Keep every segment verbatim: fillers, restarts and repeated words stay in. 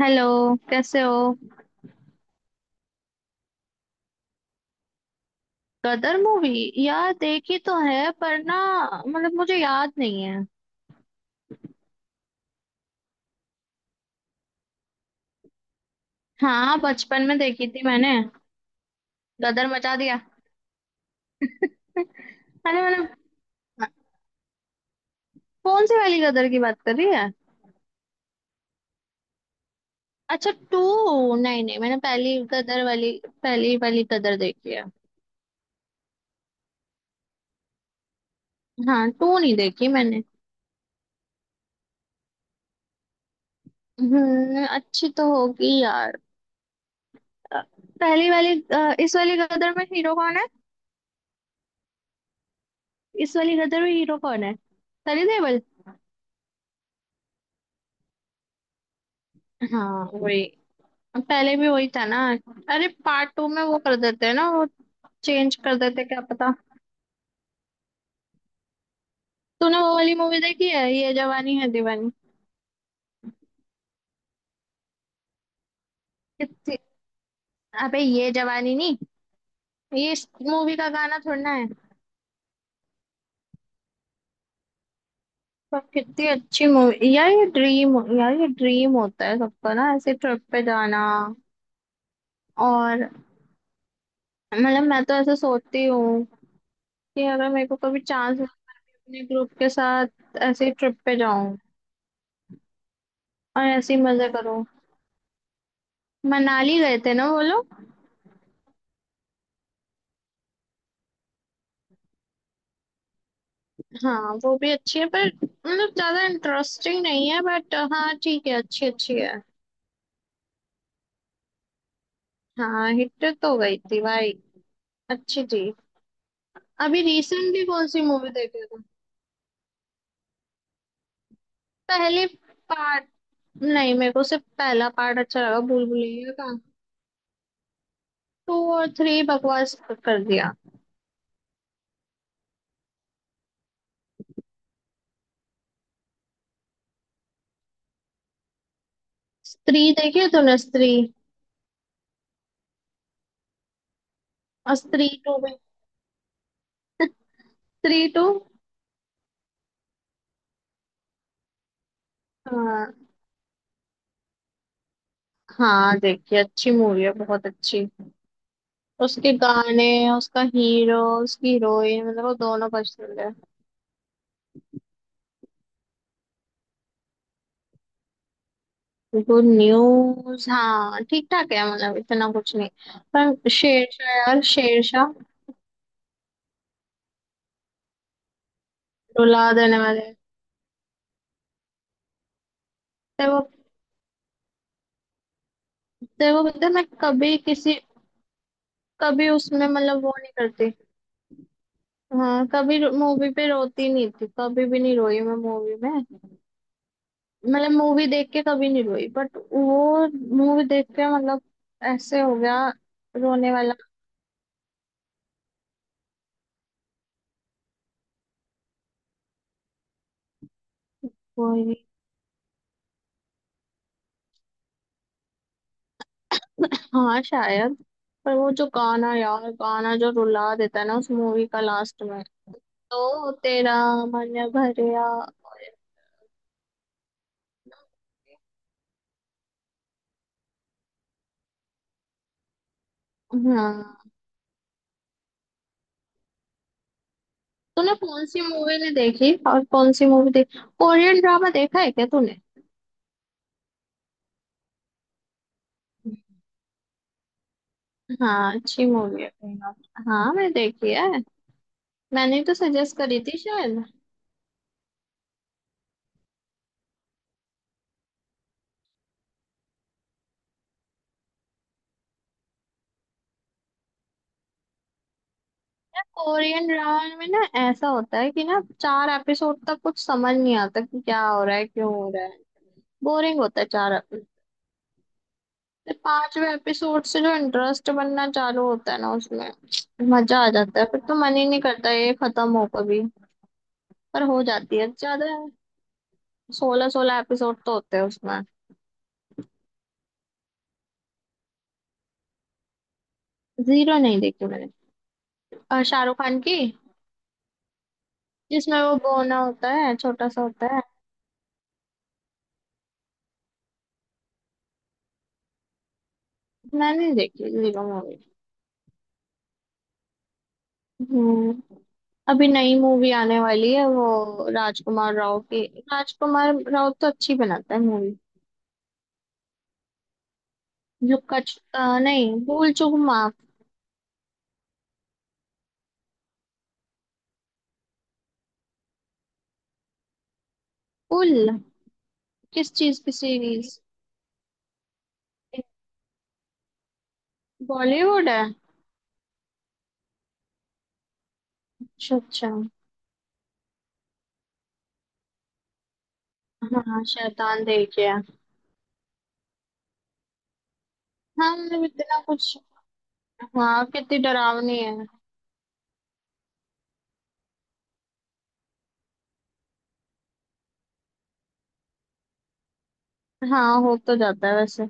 Hello. कैसे हो? Gadar movie? यार देखी तो है पर ना, मतलब मुझे याद नहीं है। हाँ बचपन में देखी थी मैंने। गदर मचा दिया। अरे मैंने, कौन सी वाली गदर की बात कर रही है? अच्छा टू? नहीं नहीं, मैंने पहली गदर वाली, पहली वाली गदर देखी है। हाँ टू नहीं देखी मैंने। हम्म, अच्छी तो होगी यार। अ, पहली वाली अ, इस वाली गदर में हीरो कौन है? इस वाली गदर में हीरो कौन है? सनी देओल। हाँ वही। पहले भी वही था ना? अरे पार्ट टू में वो कर देते हैं ना वो, चेंज कर देते हैं, क्या पता। तूने वो वाली मूवी देखी है, ये जवानी है दीवानी? कितनी, अबे ये जवानी नहीं, ये इस मूवी का गाना थोड़ा है। पर कितनी अच्छी मूवी यार, ये ड्रीम यार, ये ड्रीम होता है सबका ना, ऐसे ट्रिप पे जाना। और, मतलब मैं तो ऐसे सोचती हूँ कि अगर मेरे को कभी चांस मिले, अपने ग्रुप के साथ ऐसे ट्रिप पे जाऊं और ऐसे ही मजे करूं। मनाली गए थे ना वो लोग। हाँ वो भी अच्छी है, पर मतलब ज्यादा इंटरेस्टिंग नहीं है, बट हाँ ठीक है, अच्छी अच्छी है। हाँ हिट तो गई थी भाई, अच्छी थी। अभी रिसेंटली कौन सी मूवी देखे थे? पहले पार्ट, नहीं मेरे को सिर्फ पहला पार्ट अच्छा लगा भूल भुलैया का। टू और थ्री बकवास कर दिया। स्त्री देखी है तूने? स्त्री और स्त्री टू भी? स्त्री टू। हाँ हाँ देखिए, अच्छी मूवी है बहुत अच्छी। उसके गाने, उसका हीरो, उसकी हीरोइन, मतलब वो दोनों पसंद है। गुड न्यूज हाँ ठीक ठाक है, मतलब इतना कुछ नहीं। पर शेरशाह यार, शेरशाह रुला देने वाले हैं। तेरे वो, तेरे को पता है मैं कभी किसी, कभी उसमें मतलब वो नहीं करती। हाँ कभी मूवी पे रोती नहीं थी, कभी भी नहीं रोई मैं मूवी में, मतलब मूवी देख के कभी नहीं रोई, बट वो मूवी देख के मतलब ऐसे हो गया, रोने वाला। कोई नहीं। हाँ शायद। पर वो जो गाना यार, गाना जो रुला देता है ना उस मूवी का लास्ट में, तो तेरा मन भरिया। हाँ। तूने कौन सी मूवी नहीं देखी और कौन सी मूवी देखी? कोरियन ड्रामा देखा है क्या तूने? हाँ अच्छी मूवी है प्रेमा। हाँ मैंने देखी है। मैंने तो सजेस्ट करी थी शायद। यार कोरियन ड्रामा में ना, ऐसा होता है कि ना चार एपिसोड तक कुछ समझ नहीं आता कि क्या हो रहा है, क्यों हो रहा है। बोरिंग होता है चार एपिसोड। फिर पांचवे एपिसोड से जो इंटरेस्ट बनना चालू होता है ना उसमें मजा आ जाता है, फिर तो मन ही नहीं करता ये खत्म हो कभी। पर हो जाती है ज्यादा, सोलह सोलह एपिसोड तो होते हैं उसमें। जीरो नहीं देखी मैंने। और शाहरुख खान की, जिसमें वो गोना होता है, छोटा सा होता है। मैंने नहीं देखी जीरो मूवी। हम्म। अभी नई मूवी आने वाली है वो राजकुमार राव की। राजकुमार राव तो अच्छी बनाता है मूवी। जो कच अ, नहीं, भूल चूक माफ। भूल। किस चीज की सीरीज? बॉलीवुड है? अच्छा अच्छा। हाँ शैतान देखिए। हाँ मतलब इतना कुछ। हाँ कितनी डरावनी है। हाँ हो तो जाता है वैसे।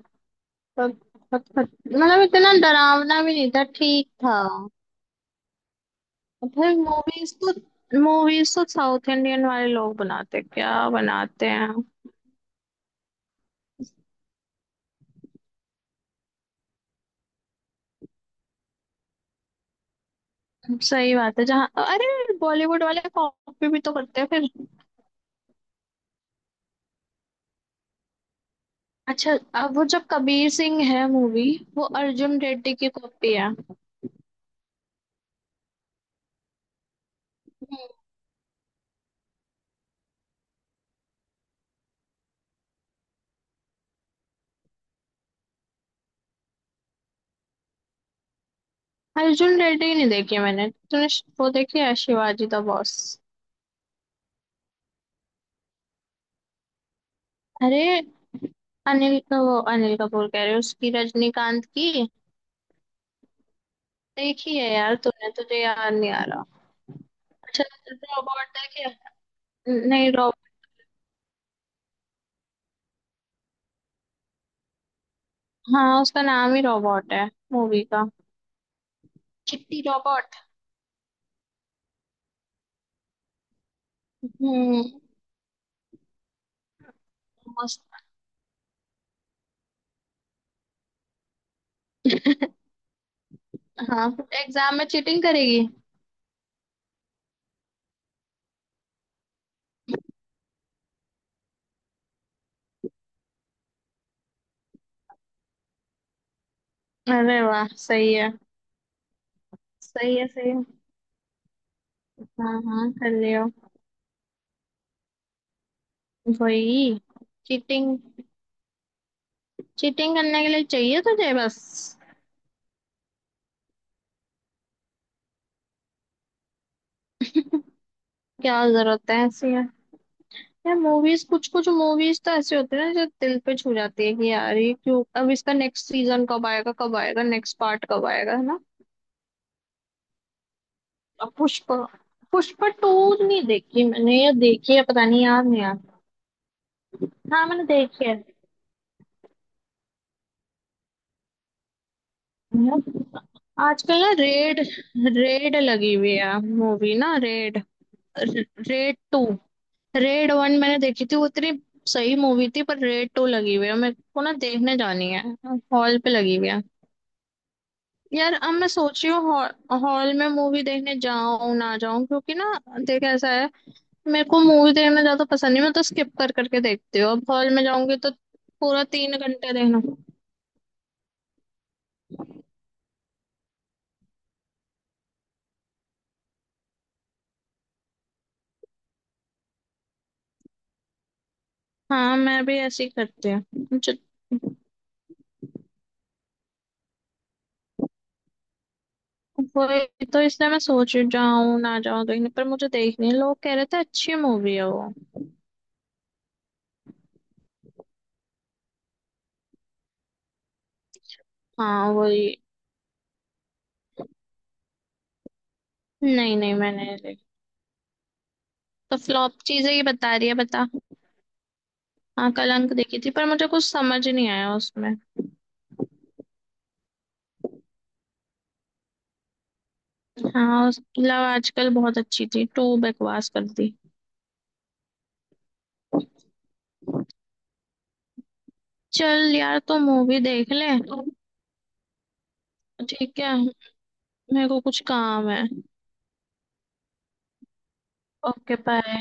पर, पर- पर- मतलब इतना डरावना भी नहीं था, ठीक था। और फिर मूवीज तो, मूवीज तो साउथ इंडियन वाले लोग बनाते, क्या बनाते हैं। सही बात है, जहाँ अरे बॉलीवुड वाले कॉपी भी तो करते हैं फिर। अच्छा। अब वो जो कबीर सिंह है मूवी, वो अर्जुन रेड्डी की कॉपी है। अर्जुन रेड्डी नहीं देखी मैंने। तूने श- वो देखी है शिवाजी द बॉस? अरे अनिल का वो, अनिल कपूर कह रहे हो? उसकी रजनीकांत की। देखी है यार तूने, तुझे याद नहीं आ रहा। अच्छा, रोबोट देखे। न- नहीं रोब, हाँ उसका नाम ही रोबोट है मूवी का। चिट्टी रोबोट। हम्म, मस्त। हाँ एग्जाम में चीटिंग करेगी। अरे वाह सही है। सही है, सही है। हाँ हाँ कर रही हो। वही, चीटिंग। चीटिंग करने के लिए चाहिए तुझे बस? क्या जरूरत है ऐसी? यार मूवीज, कुछ कुछ मूवीज तो ऐसे होते हैं ना जो दिल पे छू जाती है कि यार ये क्यों, अब इसका नेक्स्ट सीजन कब आएगा, कब आएगा नेक्स्ट पार्ट कब आएगा, है ना। अब पुष्पा, पुष्पा टू नहीं देखी मैंने या देखी है, पता नहीं, याद नहीं यार। हाँ मैंने देखी है। यार, आजकल ना रेड, रेड लगी हुई है मूवी ना, raid, raid two. Raid one मैंने देखी थी, वो इतनी सही मूवी थी, पर रेड टू लगी हुई है, मेरे को ना देखने जानी है। हॉल पे लगी हुई है। यार अब मैं सोच रही हूँ हॉल में मूवी देखने जाऊं ना जाऊं, क्योंकि ना, देख ऐसा है, मेरे को मूवी देखना ज्यादा पसंद नहीं, मैं तो स्किप कर करके देखती हूँ, अब हॉल में जाऊंगी तो पूरा तीन घंटे देखना। हाँ मैं भी ऐसे ही करती हूँ। मुझे- वही तो, इसलिए मैं सोच रही हूँ जाऊं ना जाऊं देखने, पर मुझे देखनी है, लोग कह रहे थे अच्छी मूवी है वो। हाँ वही। नहीं नहीं मैंने नहीं देखी। तो फ्लॉप चीजें ही बता रही है, बता। हाँ कल अंक देखी थी, पर मुझे कुछ समझ नहीं आया उसमें। हाँ लव आजकल बहुत अच्छी थी, टू बकवास कर दी। चल यार तो मूवी देख ले। ठीक है। मेरे को कुछ काम है। Okay bye.